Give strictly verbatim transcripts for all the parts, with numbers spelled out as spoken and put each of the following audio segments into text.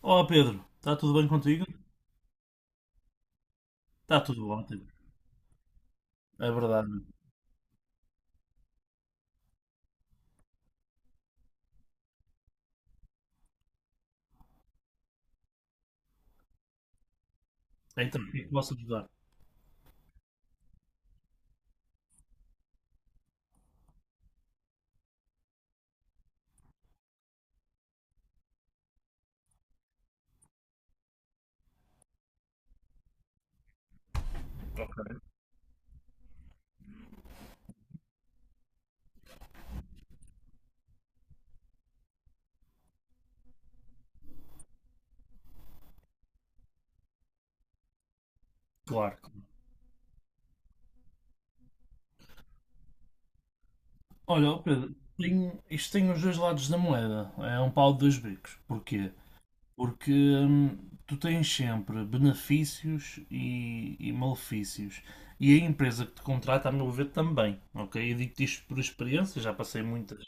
Olá Pedro, está tudo bem contigo? Está tudo ótimo, é verdade. Então, o que é que posso ajudar? Claro. Claro. Olha, ó Pedro, tem- isto tem os dois lados da moeda. É um pau de dois bicos. Porquê? Porque hum, tu tens sempre benefícios e, e malefícios. E a empresa que te contrata, a meu ver, também. Ok? Eu digo-te isto por experiência, já passei muitas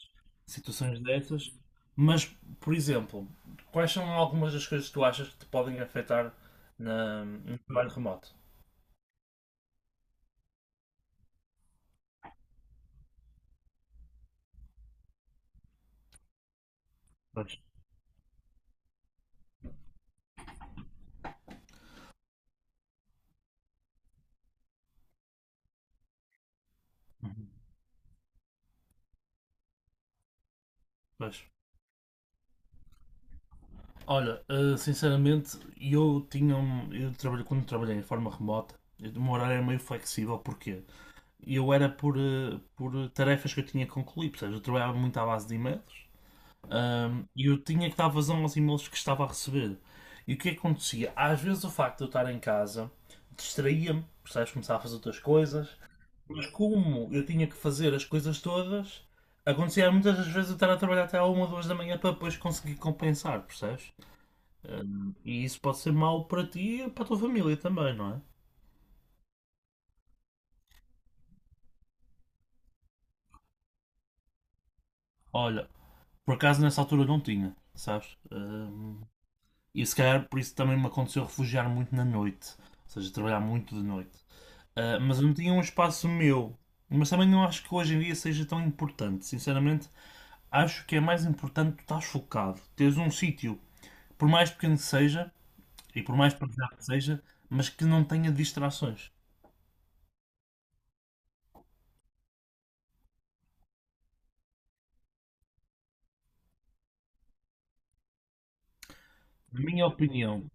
situações dessas. Mas, por exemplo, quais são algumas das coisas que tu achas que te podem afetar na- no trabalho remoto? Pois, pois. Olha, eh, sinceramente, eu tinha um, eu trabalho, quando trabalhei em forma remota, eu- o meu horário era meio flexível, porquê? Eu era por, eh, por tarefas que eu tinha que concluir, portanto, eu trabalhava muito à base de e-mails ahm, e eu tinha que dar vazão aos e-mails que estava a receber. E o que acontecia? Às vezes o facto de eu estar em casa distraía-me, percebes? Começava a fazer outras coisas, mas como eu tinha que fazer as coisas todas, acontecia muitas das vezes eu estar a trabalhar até à uma ou duas da manhã para depois conseguir compensar, percebes? Ahm, e isso pode ser mau para ti e para a tua família também, não é? Olha, por acaso nessa altura não tinha, sabes? Ahm, E se calhar por isso também me aconteceu refugiar muito na noite. Ou seja, trabalhar muito de noite. Ah, mas eu não tinha um espaço meu. Mas também não acho que hoje em dia seja tão importante. Sinceramente, acho que é mais importante tu estás focado. Teres um sítio, por mais pequeno que seja, e por mais pesado que seja, mas que não tenha distrações. Na minha opinião,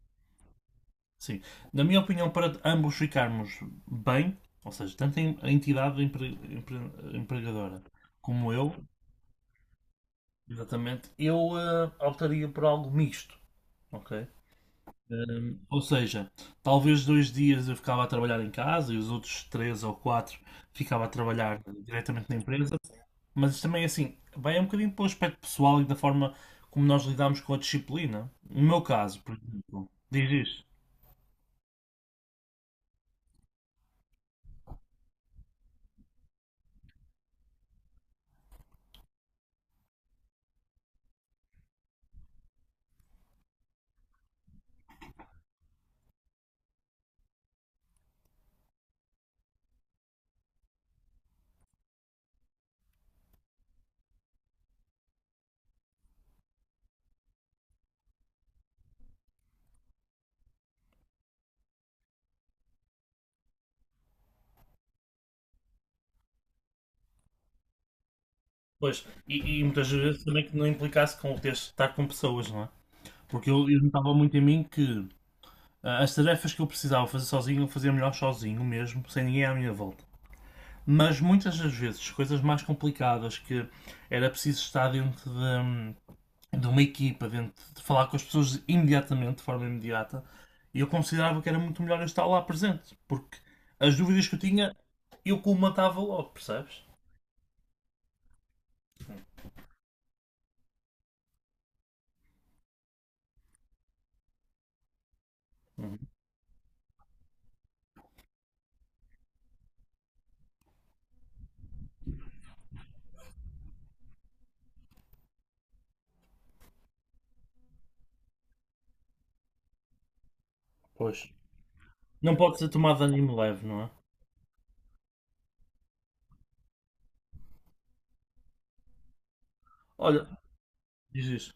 sim. Na minha opinião, para ambos ficarmos bem, ou seja, tanto a entidade empre- empre- empregadora como eu. Exatamente. Eu eh, optaria por algo misto, ok? Hum, ou seja, talvez dois dias eu ficava a trabalhar em casa e os outros três ou quatro ficava a trabalhar diretamente na empresa. Mas isto também é assim, vai um bocadinho para o aspecto pessoal e da forma como nós lidamos com a disciplina. No meu caso, por exemplo, diz isto. Pois, e, e muitas vezes também que não implicasse com o ter de estar com pessoas, não é? Porque eu, eu notava muito em mim que, ah, as tarefas que eu precisava fazer sozinho, eu fazia melhor sozinho mesmo, sem ninguém à minha volta. Mas muitas das vezes, coisas mais complicadas que era preciso estar dentro de, hum, de uma equipa, dentro de falar com as pessoas imediatamente, de forma imediata, e eu considerava que era muito melhor eu estar lá presente, porque as dúvidas que eu tinha, eu colmatava logo, percebes? Pois. Não pode ser tomado de ânimo leve, não é? Olha, diz isso.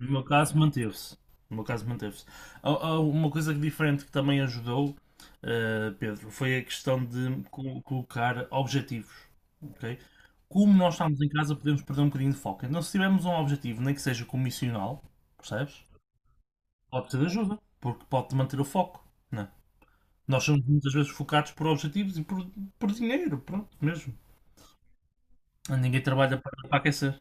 No meu caso, manteve-se. No meu caso, manteve-se. Há- há Uma coisa diferente que também ajudou, eh, Pedro: foi a questão de co- colocar objetivos. Ok? Como nós estamos em casa, podemos perder um bocadinho de foco. Então, se tivermos um objetivo, nem que seja comissional, percebes? Pode ser ajuda, porque pode manter o foco, não é? Nós somos muitas vezes focados por objetivos e por, por dinheiro, pronto, mesmo. Ninguém trabalha para, para aquecer.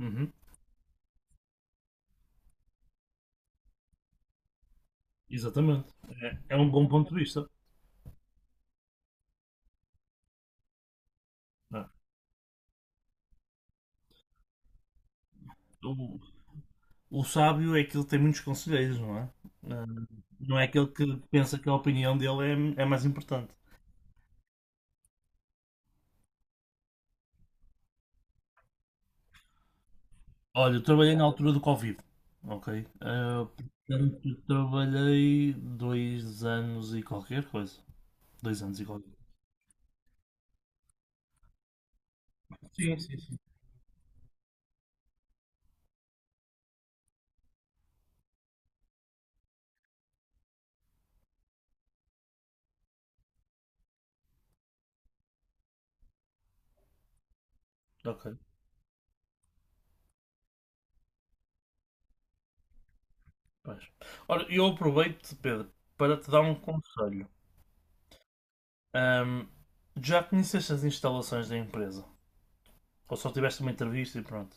Uhum. Exatamente. É, é um bom ponto de vista, não é? O- O sábio é aquele que tem muitos conselheiros, não é? Ah, não é aquele que pensa que a opinião dele é, é mais importante. Olha, eu trabalhei na altura do Covid, ok? Ah, portanto, eu trabalhei dois anos e qualquer coisa. Dois anos e qualquer coisa. Sim, sim, sim. Ok, pois. Ora, eu aproveito, Pedro, para te dar um conselho. Ahm, Já conheceste as instalações da empresa? Ou só tiveste uma entrevista e pronto?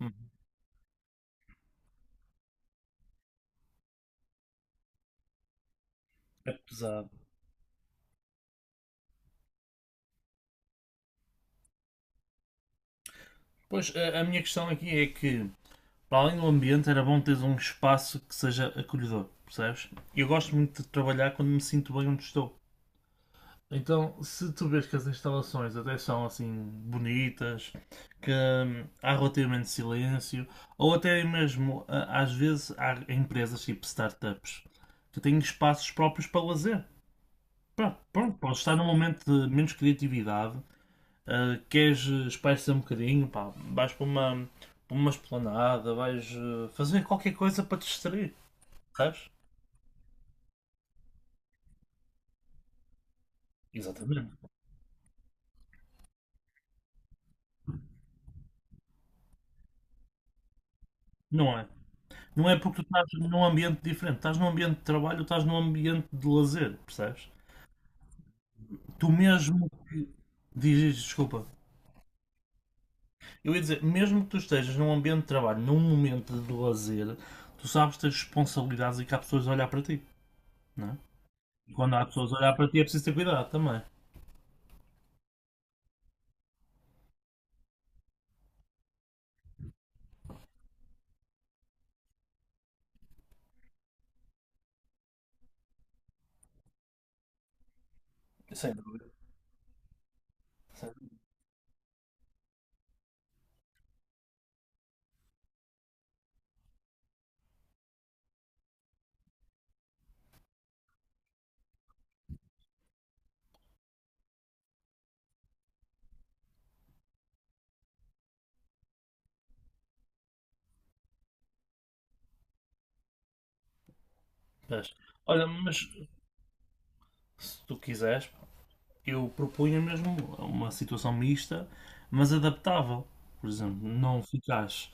Uhum. É pesado. Pois, a, a minha questão aqui é que, para além do ambiente, era bom teres um espaço que seja acolhedor, percebes? Eu gosto muito de trabalhar quando me sinto bem onde estou. Então, se tu vês que as instalações até são assim bonitas, que, hum, há relativamente silêncio, ou até mesmo, às vezes, há empresas tipo startups que têm espaços próprios para lazer. Pá, pronto, podes estar num momento de menos criatividade, ah, queres espairecer um bocadinho, pá, vais para uma, para uma, esplanada, vais, ah, fazer qualquer coisa para te distrair, sabes? Exatamente. Não é? Não é porque tu estás num ambiente diferente, estás num ambiente de trabalho, estás num ambiente de lazer, percebes? Tu mesmo que. Diz, diz, desculpa. Eu ia dizer, mesmo que tu estejas num ambiente de trabalho, num momento de lazer, tu sabes ter responsabilidades e que há pessoas a olhar para ti, não é? E quando há pessoas a olhar para ti é preciso ter cuidado também. Mas, olha, mas se tu quiseres, eu propunha mesmo uma situação mista, mas adaptável. Por exemplo, não ficares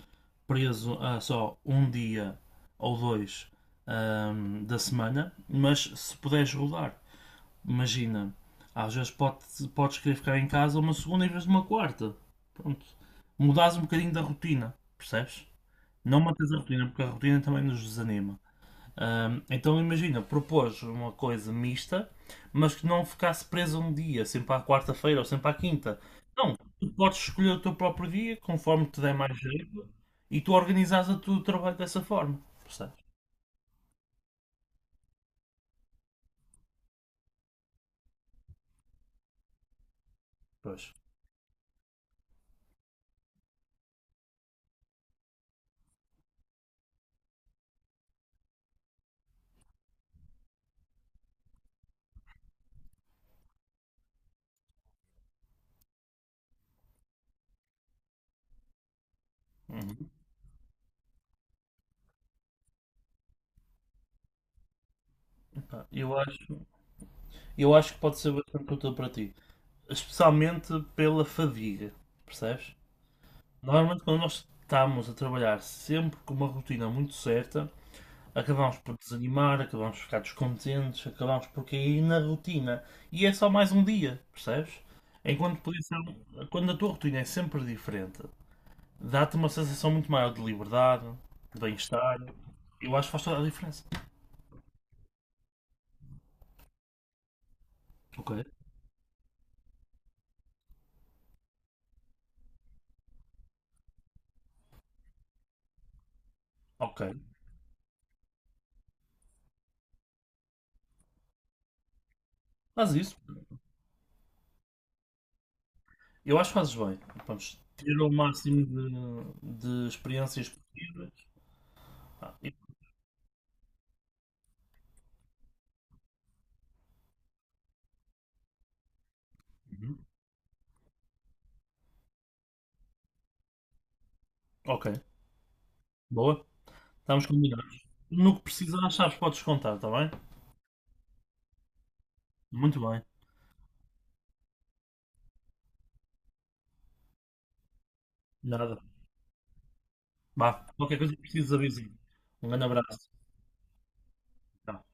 preso a só um dia ou dois, ahm, da semana, mas se puderes rodar, imagina, às vezes pode, podes querer ficar em casa uma segunda em vez de uma quarta. Pronto. Mudares um bocadinho da rotina, percebes? Não mantens a rotina, porque a rotina também nos desanima. Ahm, então imagina, propôs uma coisa mista, mas que não ficasse preso um dia, sempre à quarta-feira ou sempre à quinta. Não, tu podes escolher o teu próprio dia, conforme te der mais jeito, e tu organizas o teu trabalho dessa forma. Percebes? Pois. Uhum. Pá, Eu acho, eu acho que pode ser bastante útil para ti, especialmente pela fadiga, percebes? Normalmente quando nós estamos a trabalhar sempre com uma rotina muito certa, acabamos por desanimar, acabamos por ficar descontentes, acabamos por cair na rotina. E é só mais um dia, percebes? Enquanto podia ser, quando a tua rotina é sempre diferente, dá-te uma sensação muito maior de liberdade, de bem-estar. Eu acho que faz toda a diferença. Ok. Ok. Faz isso. Eu acho que fazes bem. Vamos ter o máximo de, de experiências possíveis. Ah, e- Ok. Boa. Estamos combinados. No que precisares, sabes, podes contar, está bem? Muito bem. Nada. Vá, qualquer coisa que precises avisar. Um grande abraço. Tchau.